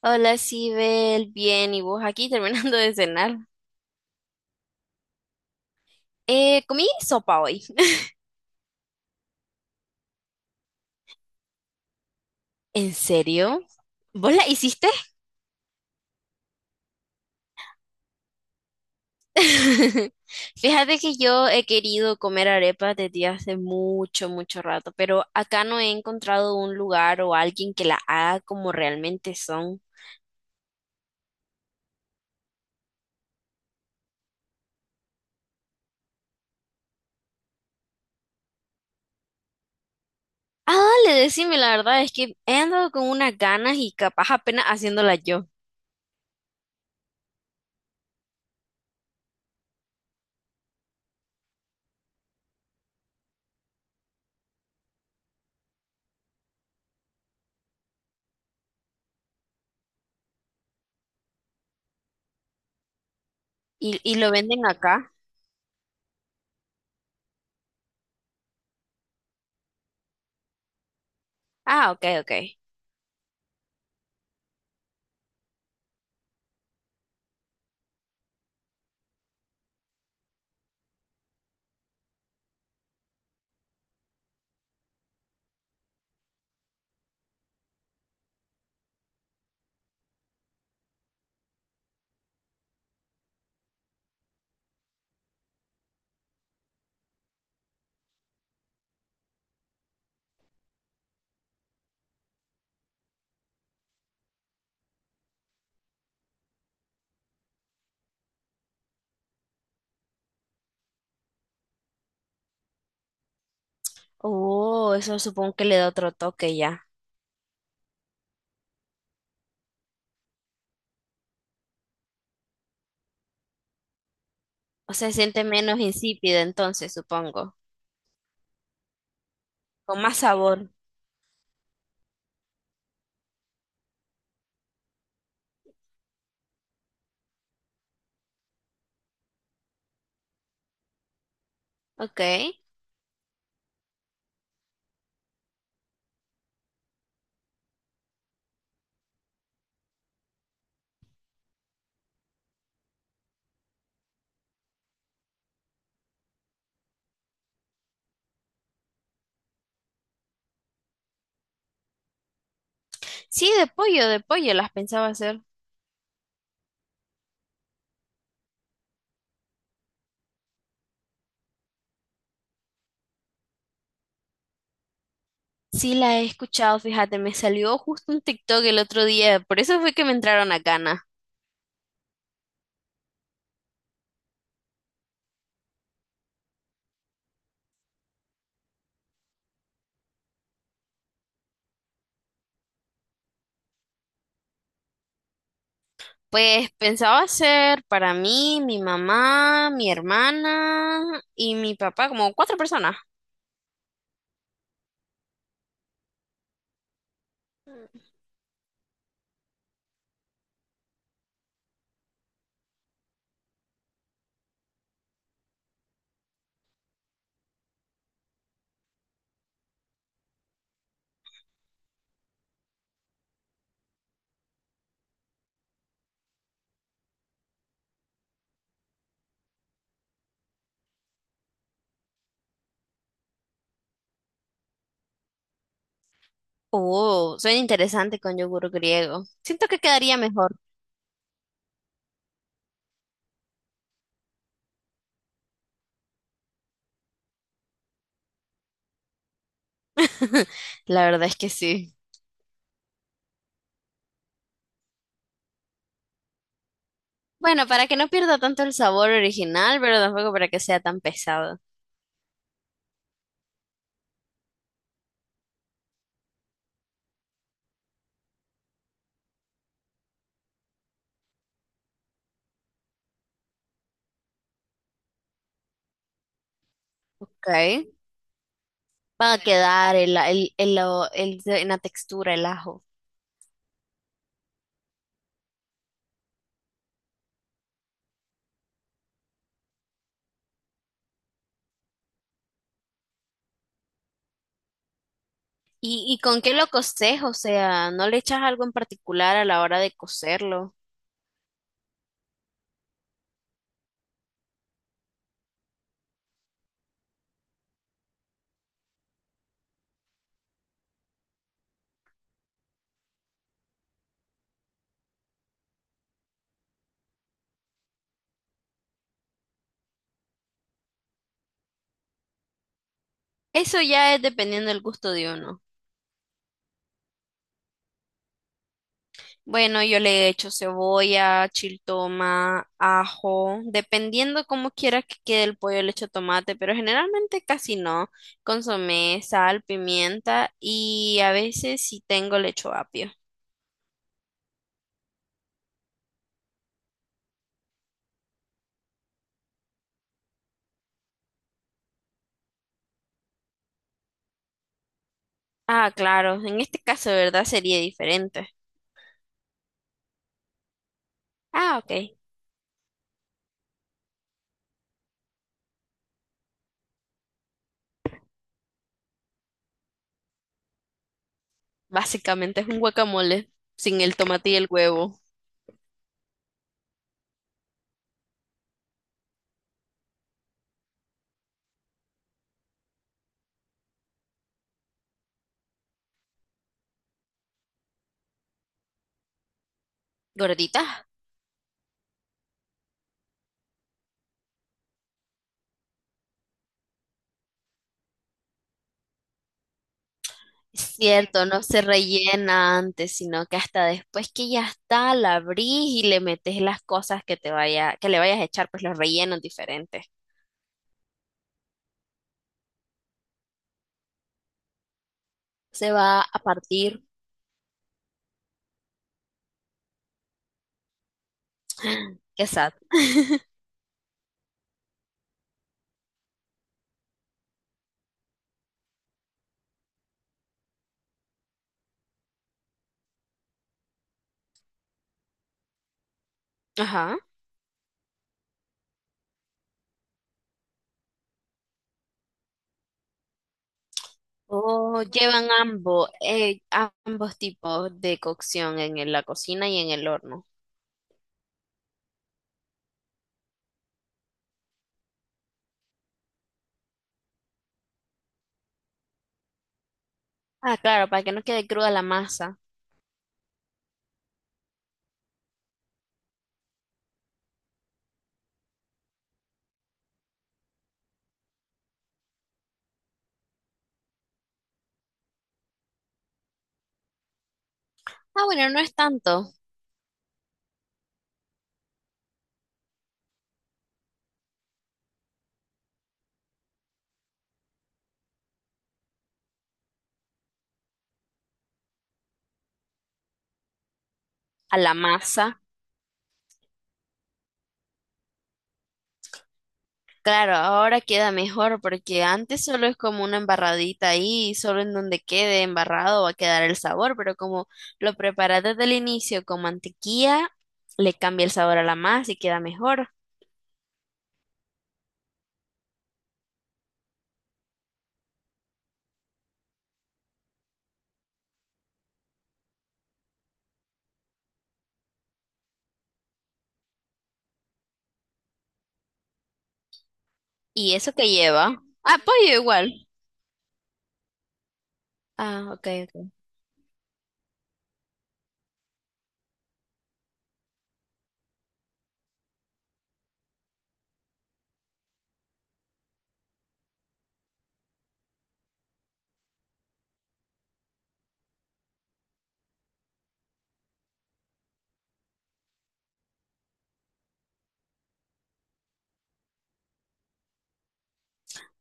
Hola, Sibel, bien, ¿y vos aquí terminando de cenar? Comí sopa hoy. ¿En serio? ¿Vos la hiciste? Fíjate que yo he querido comer arepas desde hace mucho, mucho rato, pero acá no he encontrado un lugar o alguien que la haga como realmente son. Ah, dale, decime, la verdad es que he andado con unas ganas y capaz apenas haciéndola yo. ¿Y lo venden acá? Ah, ok, ok. Oh, eso supongo que le da otro toque ya. O sea, se siente menos insípida entonces, supongo. Con más sabor. Ok. Sí, de pollo las pensaba hacer. Sí, la he escuchado, fíjate, me salió justo un TikTok el otro día, por eso fue que me entraron a ganas. Pues pensaba hacer para mí, mi mamá, mi hermana y mi papá, como cuatro personas. Oh, suena interesante con yogur griego. Siento que quedaría mejor. La verdad es que sí. Bueno, para que no pierda tanto el sabor original, pero tampoco para que sea tan pesado. Ok. Va a quedar en la textura el ajo. ¿Y con qué lo coces? O sea, ¿no le echas algo en particular a la hora de cocerlo? Eso ya es dependiendo del gusto de uno. Bueno, yo le he hecho cebolla, chiltoma, ajo, dependiendo cómo quiera que quede el pollo, le echo tomate, pero generalmente casi no. Consomé, sal, pimienta y a veces si tengo le echo apio. Ah, claro, en este caso, ¿verdad? Sería diferente. Ah, ok. Básicamente es un guacamole sin el tomate y el huevo. Gorditas. Es cierto, no se rellena antes, sino que hasta después que ya está, la abrís y le metes las cosas que te vaya, que le vayas a echar, pues los rellenos diferentes. Se va a partir, qué Ajá. O llevan ambos, ambos tipos de cocción en la cocina y en el horno. Ah, claro, para que no quede cruda la masa. Ah, bueno, no es tanto a la masa. Claro, ahora queda mejor porque antes solo es como una embarradita ahí, y solo en donde quede embarrado va a quedar el sabor, pero como lo preparas desde el inicio con mantequilla, le cambia el sabor a la masa y queda mejor. ¿Y eso qué lleva? Ah, pollo igual. Ah, ok, ok.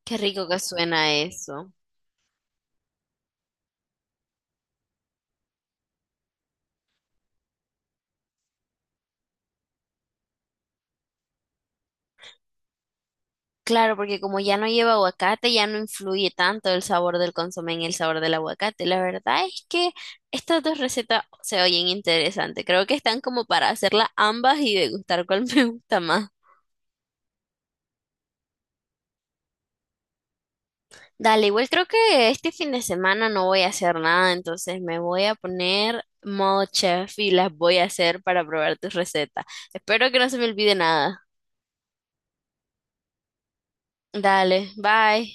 Qué rico que suena eso. Claro, porque como ya no lleva aguacate, ya no influye tanto el sabor del consomé en el sabor del aguacate. La verdad es que estas dos recetas se oyen interesantes. Creo que están como para hacerlas ambas y degustar cuál me gusta más. Dale, igual creo que este fin de semana no voy a hacer nada, entonces me voy a poner modo chef y las voy a hacer para probar tus recetas. Espero que no se me olvide nada. Dale, bye.